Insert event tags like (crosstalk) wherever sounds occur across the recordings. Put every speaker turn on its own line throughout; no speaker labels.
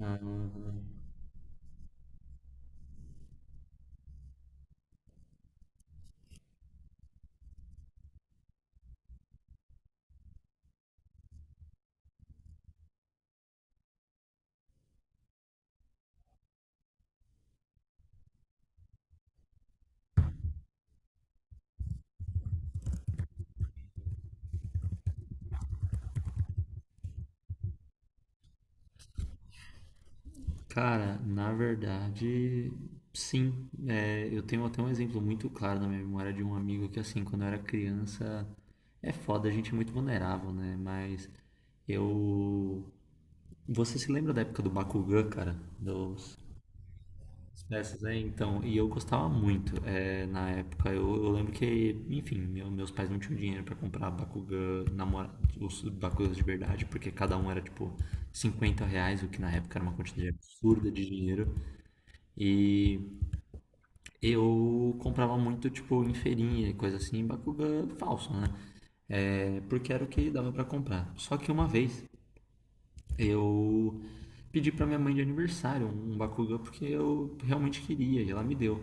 Ah, cara, na verdade, sim. É, eu tenho até um exemplo muito claro na minha memória de um amigo que, assim, quando eu era criança, é foda, a gente é muito vulnerável, né? Mas eu. Você se lembra da época do Bakugan, cara? Do Dessas aí, então, e eu gostava muito. Na época, eu lembro que, enfim, meus pais não tinham dinheiro pra comprar Bakugan, namora, os Bakugans de verdade, porque cada um era tipo 50 reais, o que na época era uma quantidade absurda de dinheiro. E eu comprava muito, tipo, em feirinha e coisa assim, Bakugan falso, né? É, porque era o que dava pra comprar. Só que uma vez eu pedi para minha mãe de aniversário um Bakugan porque eu realmente queria e ela me deu.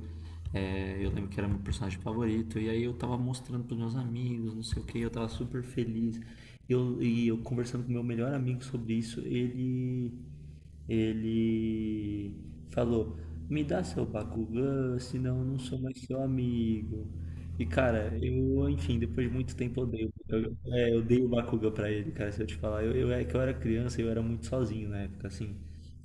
É, eu lembro que era meu personagem favorito e aí eu tava mostrando pros meus amigos, não sei o que, eu tava super feliz. E eu conversando com meu melhor amigo sobre isso, ele falou: "Me dá seu Bakugan, senão eu não sou mais seu amigo". E cara, eu, enfim, depois de muito tempo eu odeio. É, eu dei o Bakuga pra ele, cara, se eu te falar. É que eu era criança e eu era muito sozinho na época, assim.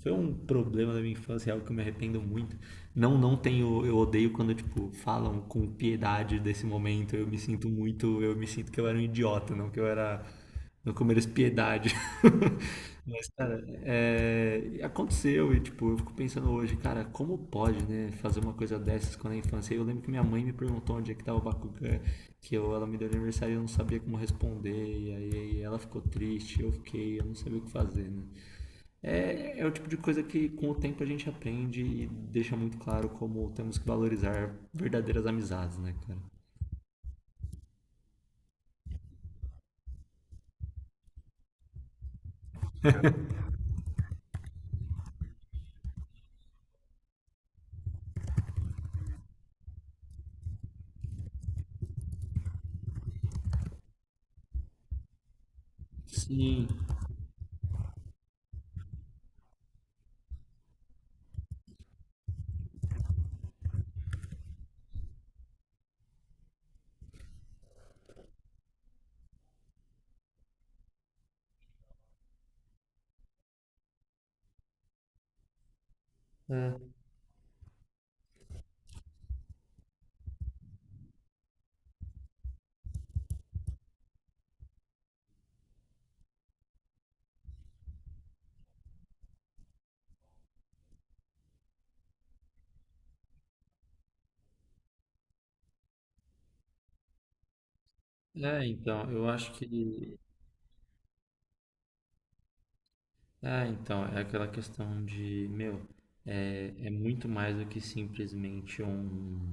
Foi um problema da minha infância, é algo que eu me arrependo muito. Não, não tenho, eu odeio quando, tipo, falam com piedade desse momento. Eu me sinto muito, eu me sinto que eu era um idiota, não que eu era, não que eu mereço piedade. (laughs) Mas, cara, é, aconteceu e, tipo, eu fico pensando hoje, cara, como pode, né, fazer uma coisa dessas quando é infância? Eu lembro que minha mãe me perguntou onde é que tava o Bakugan que eu, ela me deu aniversário e eu não sabia como responder, e aí ela ficou triste, eu fiquei, eu não sabia o que fazer, né? É, o tipo de coisa que com o tempo a gente aprende e deixa muito claro como temos que valorizar verdadeiras amizades, né, cara? Sim. É. É, então, eu acho que. É, então, é aquela questão de, meu, é muito mais do que simplesmente um.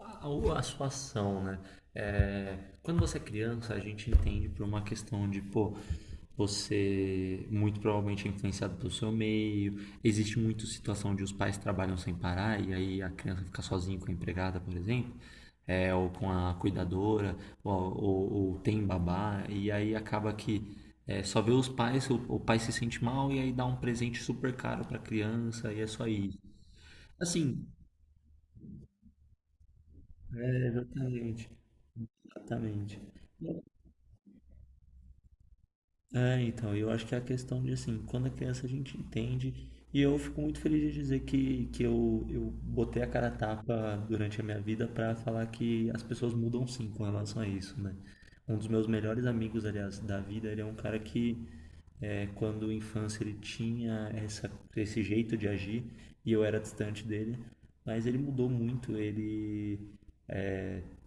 A sua ação, né? É, quando você é criança, a gente entende por uma questão de, pô, você muito provavelmente é influenciado pelo seu meio. Existe muita situação de os pais trabalham sem parar e aí a criança fica sozinha com a empregada, por exemplo, ou com a cuidadora, ou tem babá, e aí acaba que só vê os pais, o pai se sente mal e aí dá um presente super caro pra criança e é só isso. Assim, exatamente, exatamente. É, então, eu acho que é a questão de assim, quando a criança a gente entende, e eu fico muito feliz de dizer que eu botei a cara a tapa durante a minha vida para falar que as pessoas mudam sim com relação a isso, né? Um dos meus melhores amigos, aliás, da vida, ele é um cara que, quando infância, ele tinha essa, esse jeito de agir e eu era distante dele, mas ele mudou muito, ele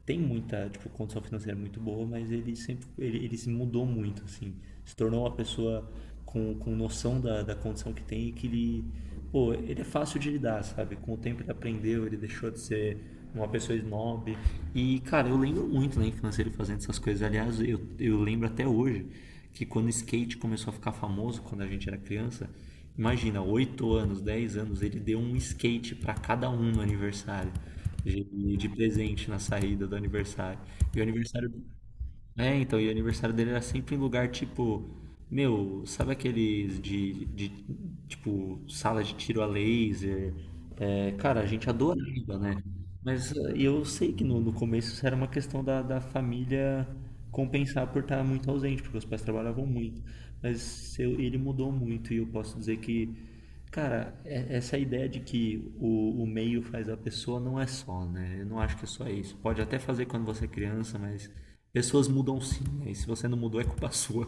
tem muita tipo, condição financeira muito boa, mas ele sempre ele se mudou muito, assim. Se tornou uma pessoa com noção da condição que tem e que ele, pô, ele é fácil de lidar, sabe? Com o tempo ele aprendeu, ele deixou de ser uma pessoa snob. E, cara, eu, lembro muito na infância ele fazendo essas coisas. Aliás, eu lembro até hoje que quando o skate começou a ficar famoso, quando a gente era criança, imagina, 8 anos, 10 anos, ele deu um skate para cada um no aniversário de presente na saída do aniversário. E o aniversário. É, então, e o aniversário dele era sempre em lugar tipo. Meu, sabe aqueles de tipo, sala de tiro a laser? É, cara, a gente adorava, né? Mas eu sei que no começo isso era uma questão da família compensar por estar muito ausente, porque os pais trabalhavam muito. Ele mudou muito e eu posso dizer que, cara, essa ideia de que o meio faz a pessoa não é só, né? Eu não acho que é só isso. Pode até fazer quando você é criança, mas pessoas mudam sim, né? E se você não mudou, é culpa (laughs) sua.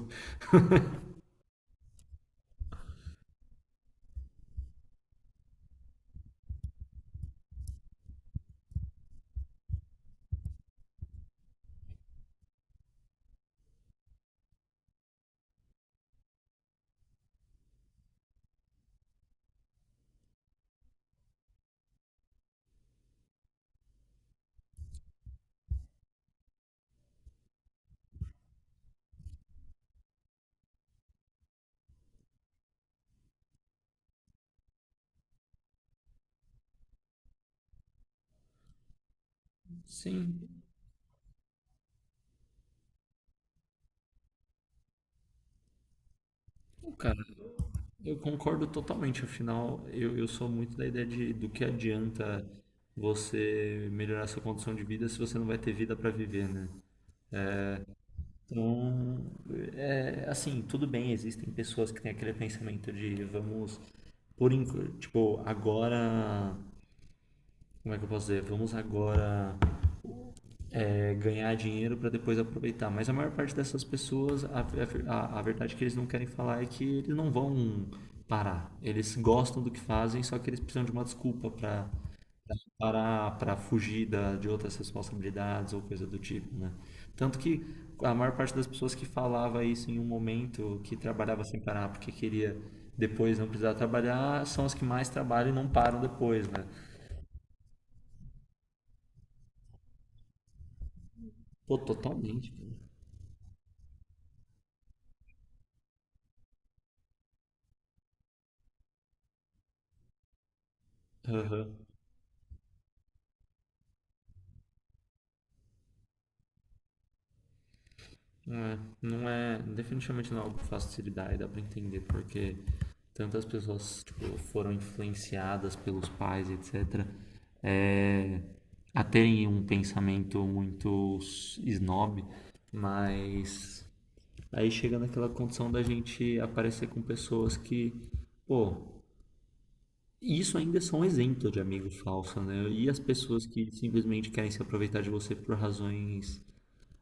Sim, não, cara, eu concordo totalmente. Afinal, eu sou muito da ideia de do que adianta você melhorar sua condição de vida se você não vai ter vida para viver, né? Então, é, assim, tudo bem, existem pessoas que têm aquele pensamento de vamos, tipo, agora, como é que eu posso dizer? Vamos agora ganhar dinheiro para depois aproveitar. Mas a maior parte dessas pessoas, a verdade que eles não querem falar é que eles não vão parar. Eles gostam do que fazem, só que eles precisam de uma desculpa para parar para fugir da, de outras responsabilidades ou coisa do tipo, né? Tanto que a maior parte das pessoas que falava isso em um momento que trabalhava sem parar porque queria depois não precisar trabalhar são as que mais trabalham e não param depois, né? Pô, totalmente, cara. Aham. Não é, não é, definitivamente não é algo fácil de se lidar e dá pra entender porque tantas pessoas, tipo, foram influenciadas pelos pais, etc., é, a terem um pensamento muito snob, mas aí chega naquela condição da gente aparecer com pessoas que, pô, isso ainda são exemplo de amigo falso, né? E as pessoas que simplesmente querem se aproveitar de você por razões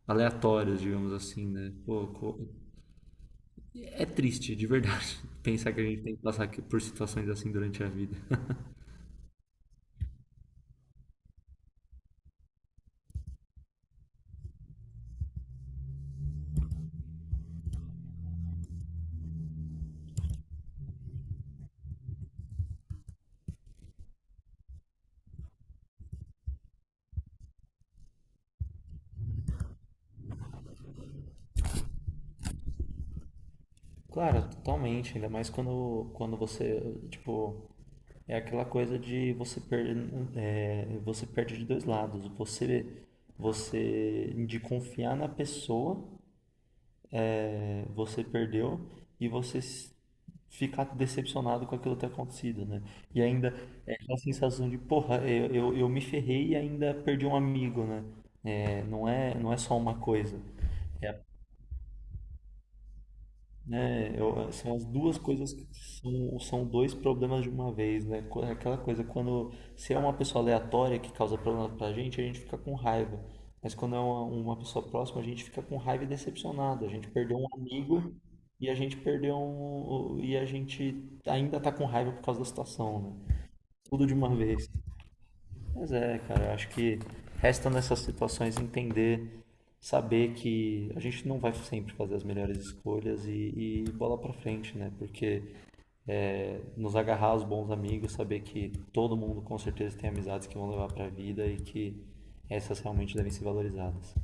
aleatórias, digamos assim, né? É triste, de verdade, (laughs) pensar que a gente tem que passar aqui por situações assim durante a vida. Claro, totalmente. Ainda mais quando, quando você, tipo, é aquela coisa de você perde de dois lados. Você de confiar na pessoa você perdeu e ficar decepcionado com aquilo ter acontecido, né? E ainda é aquela sensação de, porra, eu me ferrei e ainda perdi um amigo, né? É, não é, não é só uma coisa. É, são as duas coisas que são dois problemas de uma vez, né? Aquela coisa, quando se é uma pessoa aleatória que causa problema pra gente, a gente fica com raiva. Mas quando é uma pessoa próxima, a gente fica com raiva e decepcionado. A gente perdeu um amigo e a gente ainda tá com raiva por causa da situação, né? Tudo de uma vez. Mas é, cara, eu acho que resta nessas situações entender, saber que a gente não vai sempre fazer as melhores escolhas e bola pra frente, né? Porque nos agarrar aos bons amigos, saber que todo mundo com certeza tem amizades que vão levar pra vida e que essas realmente devem ser valorizadas.